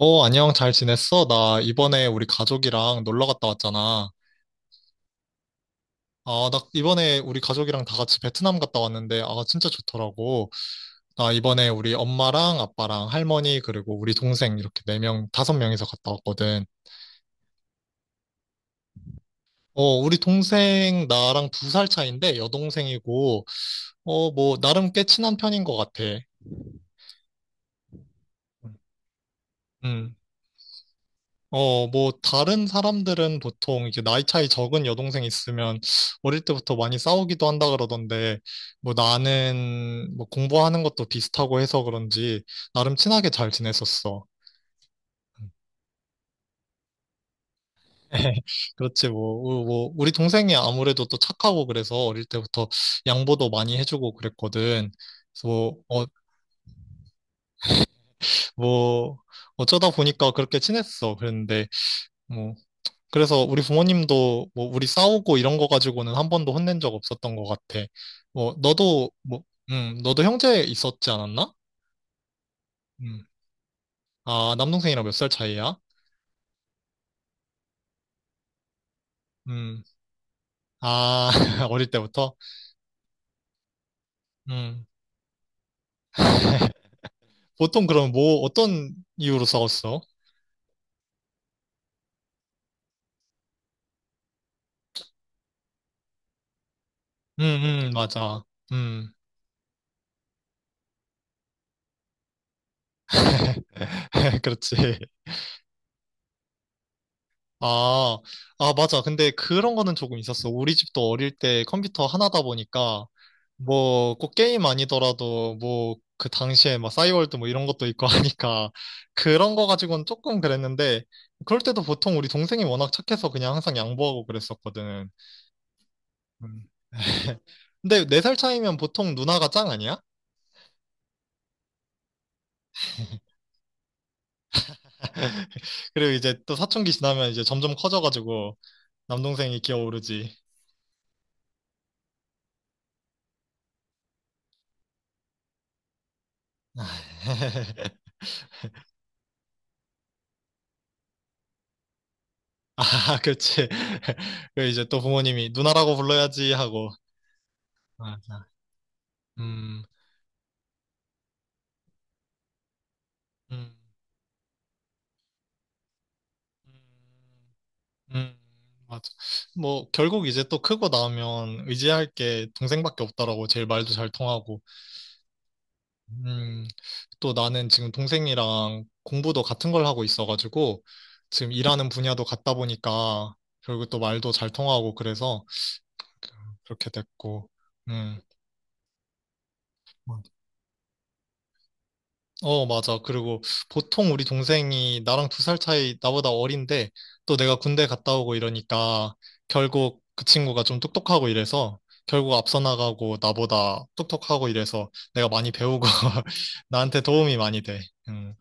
어, 안녕, 잘 지냈어? 나 이번에 우리 가족이랑 놀러 갔다 왔잖아. 아, 나 이번에 우리 가족이랑 다 같이 베트남 갔다 왔는데, 아, 진짜 좋더라고. 나 이번에 우리 엄마랑 아빠랑 할머니, 그리고 우리 동생 이렇게 네명 다섯 명이서 갔다 왔거든. 어, 우리 동생 나랑 두 살 차인데, 여동생이고, 어, 뭐, 나름 꽤 친한 편인 것 같아. 음. 어, 뭐, 다른 사람들은 보통 이제 나이 차이 적은 여동생 있으면 어릴 때부터 많이 싸우기도 한다 그러던데, 뭐 나는 뭐 공부하는 것도 비슷하고 해서 그런지 나름 친하게 잘 지냈었어. 그렇지, 뭐, 우리 동생이 아무래도 또 착하고 그래서 어릴 때부터 양보도 많이 해주고 그랬거든. 그래서 뭐, 어, 뭐, 어쩌다 보니까 그렇게 친했어. 그랬는데, 뭐, 그래서 우리 부모님도 뭐 우리 싸우고 이런 거 가지고는 한 번도 혼낸 적 없었던 것 같아. 뭐 너도 뭐 너도 형제 있었지 않았나? 음. 아, 남동생이랑 몇 살 차이야? 음. 아, 어릴 때부터? 음. 보통 그럼 뭐 어떤 이유로 싸웠어? 음, 맞아. 음. 그렇지. 아, 아, 맞아. 근데 그런 거는 조금 있었어. 우리 집도 어릴 때 컴퓨터 하나다 보니까, 뭐, 꼭 게임 아니더라도, 뭐, 그 당시에 막 싸이월드 뭐 이런 것도 있고 하니까, 그런 거 가지고는 조금 그랬는데, 그럴 때도 보통 우리 동생이 워낙 착해서 그냥 항상 양보하고 그랬었거든. 음. 근데 네 살 차이면 보통 누나가 짱 아니야? 그리고 이제 또 사춘기 지나면 이제 점점 커져가지고, 남동생이 기어오르지. 아, 그치. 그 이제 또 부모님이 누나라고 불러야지 하고. 맞아. 음, 음, 음, 음. 맞아. 뭐, 결국 이제 또 크고 나면 의지할 게 동생밖에 없더라고. 제일 말도 잘 통하고. 음, 또 나는 지금 동생이랑 공부도 같은 걸 하고 있어가지고, 지금 일하는 분야도 같다 보니까, 결국 또 말도 잘 통하고 그래서 그렇게 됐고, 음. 뭐 어, 맞아. 그리고 보통 우리 동생이 나랑 두 살 차이 나보다 어린데 또 내가 군대 갔다 오고 이러니까 결국 그 친구가 좀 똑똑하고 이래서 결국 앞서 나가고 나보다 똑똑하고 이래서 내가 많이 배우고 나한테 도움이 많이 돼. 음.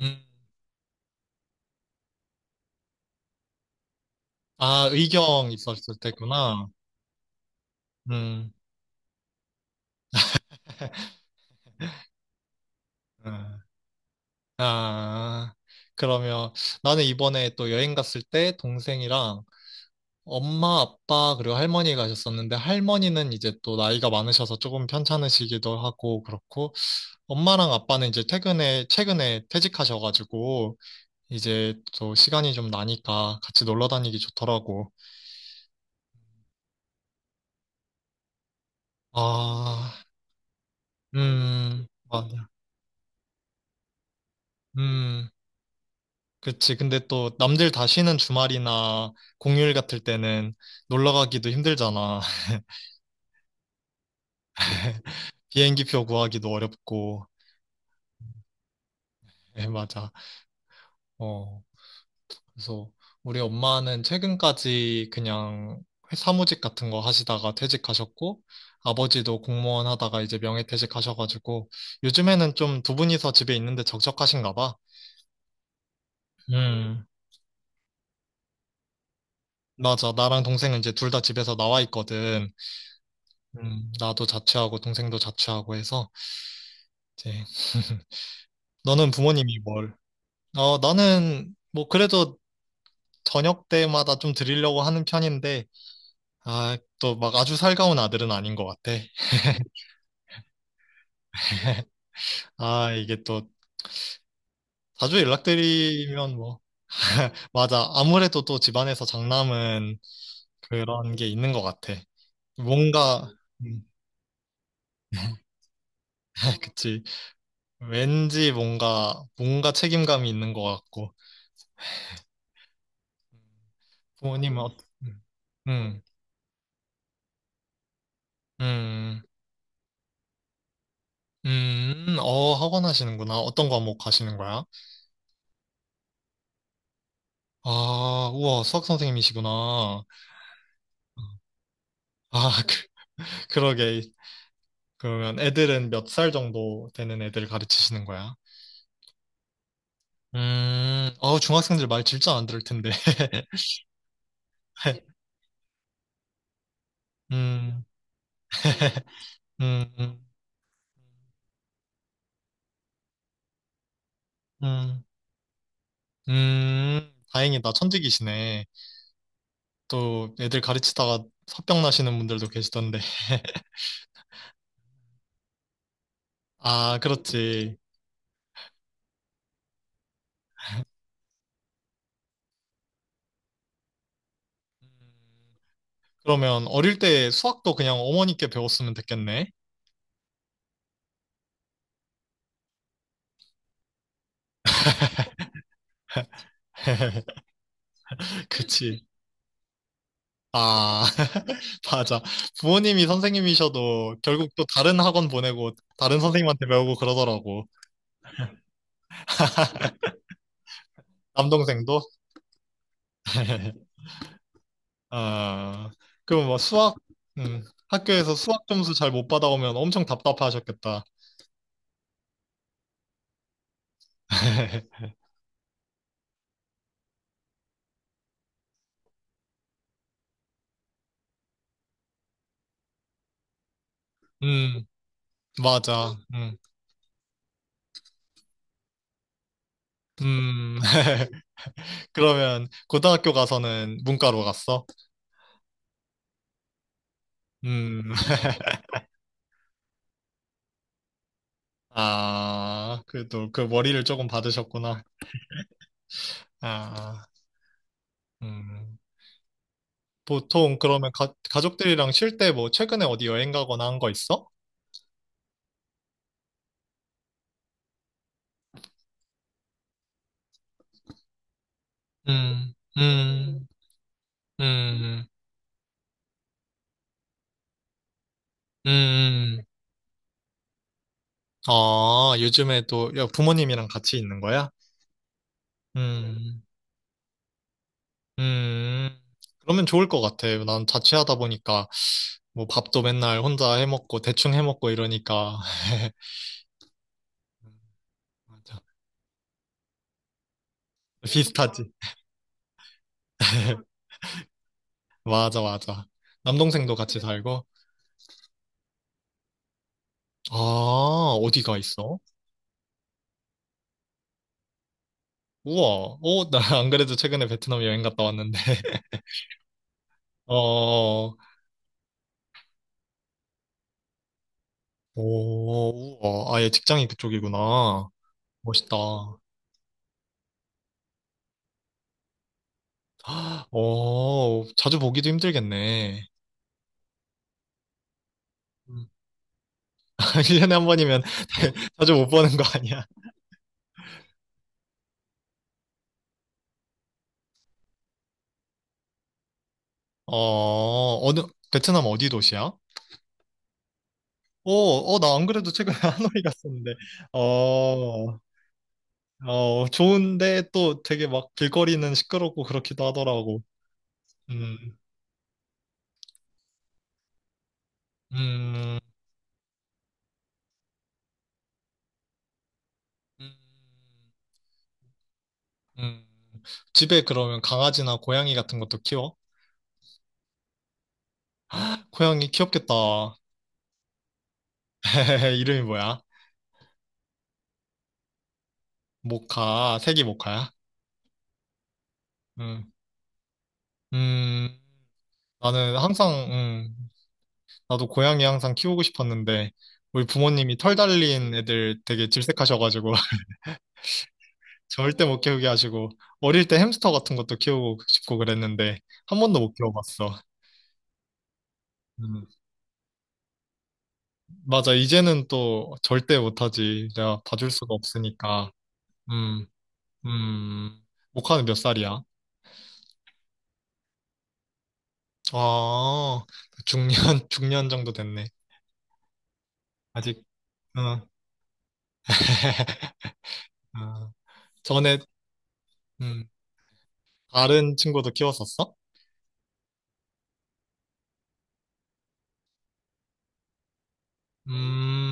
음. 아, 의경 있었을 때구나. 음. 음. 아, 그러면 나는 이번에 또 여행 갔을 때 동생이랑 엄마, 아빠, 그리고 할머니 가셨었는데, 할머니는 이제 또 나이가 많으셔서 조금 편찮으시기도 하고, 그렇고, 엄마랑 아빠는 이제 최근에 퇴직하셔가지고, 이제 또 시간이 좀 나니까 같이 놀러 다니기 좋더라고. 아, 맞아. 음, 그치. 근데 또 남들 다 쉬는 주말이나 공휴일 같을 때는 놀러 가기도 힘들잖아. 비행기표 구하기도 어렵고, 네 맞아. 어. 그래서 우리 엄마는 최근까지 그냥 사무직 같은 거 하시다가 퇴직하셨고, 아버지도 공무원 하다가 이제 명예퇴직하셔가지고, 요즘에는 좀 두 분이서 집에 있는데 적적하신가 봐. 음, 맞아. 나랑 동생은 이제 둘 다 집에서 나와 있거든. 나도 자취하고 동생도 자취하고 해서, 이제, 너는 부모님이 뭘? 어, 나는 뭐 그래도 저녁 때마다 좀 드리려고 하는 편인데, 아, 또 막 아주 살가운 아들은 아닌 것 같아. 아, 이게 또 자주 연락드리면 뭐. 맞아. 아무래도 또 집안에서 장남은 그런 게 있는 것 같아. 뭔가, 음, 그치. 왠지 뭔가, 뭔가 책임감이 있는 것 같고. 부모님은, 어, 음, 음, 음, 어, 학원 하시는구나. 어떤 과목 하시는 거야? 아, 우와, 수학 선생님이시구나. 아, 그, 그러게. 그러면 애들은 몇 살 정도 되는 애들 가르치시는 거야? 어, 중학생들 말 진짜 안 들을 텐데. 음, 음, 음, 음, 다행이다. 천직이시네. 또 애들 가르치다가 화병 나시는 분들도 계시던데. 아, 그렇지. 음, 그러면 어릴 때 수학도 그냥 어머니께 배웠으면 됐겠네. 그치. 아, 맞아. 부모님이 선생님이셔도 결국 또 다른 학원 보내고 다른 선생님한테 배우고 그러더라고. 남동생도. 아, 그럼 뭐 수학, 학교에서 수학 점수 잘 못 받아오면 엄청 답답하셨겠다. 음, 맞아. 음. 그러면 고등학교 가서는 문과로 갔어? 음, 아, 그래도 그 머리를 조금 받으셨구나. 아, 음. 보통 그러면 가족들이랑 쉴 때 뭐 최근에 어디 여행 가거나 한 거 있어? 음, 음, 음, 음. 아, 요즘에 또 야, 부모님이랑 같이 있는 거야? 음. 음, 음, 그러면 좋을 것 같아. 난 자취하다 보니까 뭐 밥도 맨날 혼자 해 먹고 대충 해 먹고 이러니까 음, 맞아. 비슷하지? 맞아, 맞아. 남동생도 같이 살고. 아, 어디가 있어? 우와, 어, 나 안 그래도 최근에 베트남 여행 갔다 왔는데. 어, 오, 우와, 아예 직장이 그쪽이구나. 멋있다. 아, 어, 자주 보기도 힘들겠네. 음. 1년에 한 번이면 자주 못 보는 거 아니야? 어, 어느, 베트남 어디 도시야? 어, 어, 나 안 그래도 최근에 하노이 갔었는데, 어, 어, 좋은데 또 되게 막 길거리는 시끄럽고 그렇기도 하더라고. 음, 음, 음, 음. 집에 그러면 강아지나 고양이 같은 것도 키워? 고양이 귀엽겠다. 이름이 뭐야? 모카, 색이 모카야? 음. 음, 나는 항상, 나도 고양이 항상 키우고 싶었는데, 우리 부모님이 털 달린 애들 되게 질색하셔가지고, 절대 못 키우게 하시고, 어릴 때 햄스터 같은 것도 키우고 싶고 그랬는데, 한 번도 못 키워봤어. 음, 맞아. 이제는 또 절대 못하지. 내가 봐줄 수가 없으니까. 음, 음, 모카는 몇 살이야? 아, 중년, 중년 정도 됐네. 아직, 응. 아, 전에, 음. 다른 친구도 키웠었어? 음,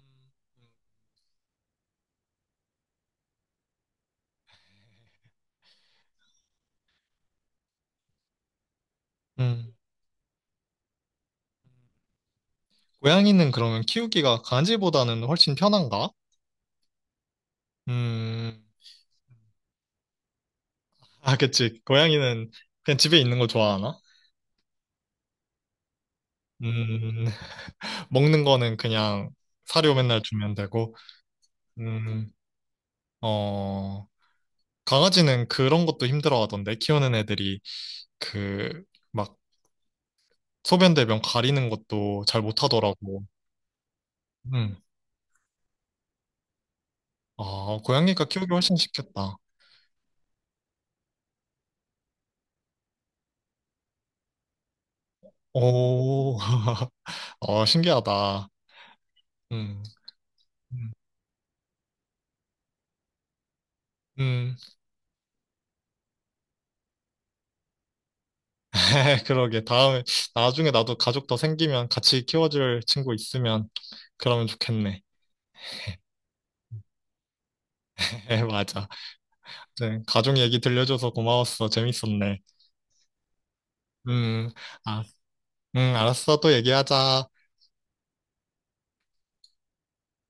음. 고양이는 그러면 키우기가 강아지보다는 훨씬 편한가? 음, 아, 그치. 고양이는 그냥 집에 있는 거 좋아하나? 음, 먹는 거는 그냥 사료 맨날 주면 되고, 음, 어, 강아지는 그런 것도 힘들어하던데, 키우는 애들이 그, 막, 소변 대변 가리는 것도 잘 못하더라고. 음, 아, 고양이가 키우기 훨씬 쉽겠다. 오, 어, 신기하다. 음, 음, 음. 그러게. 다음에, 나중에 나도 가족 더 생기면 같이 키워줄 친구 있으면 그러면 좋겠네. 맞아. 네, 가족 얘기 들려줘서 고마웠어. 재밌었네. 음, 아, 알았어. 또 얘기하자.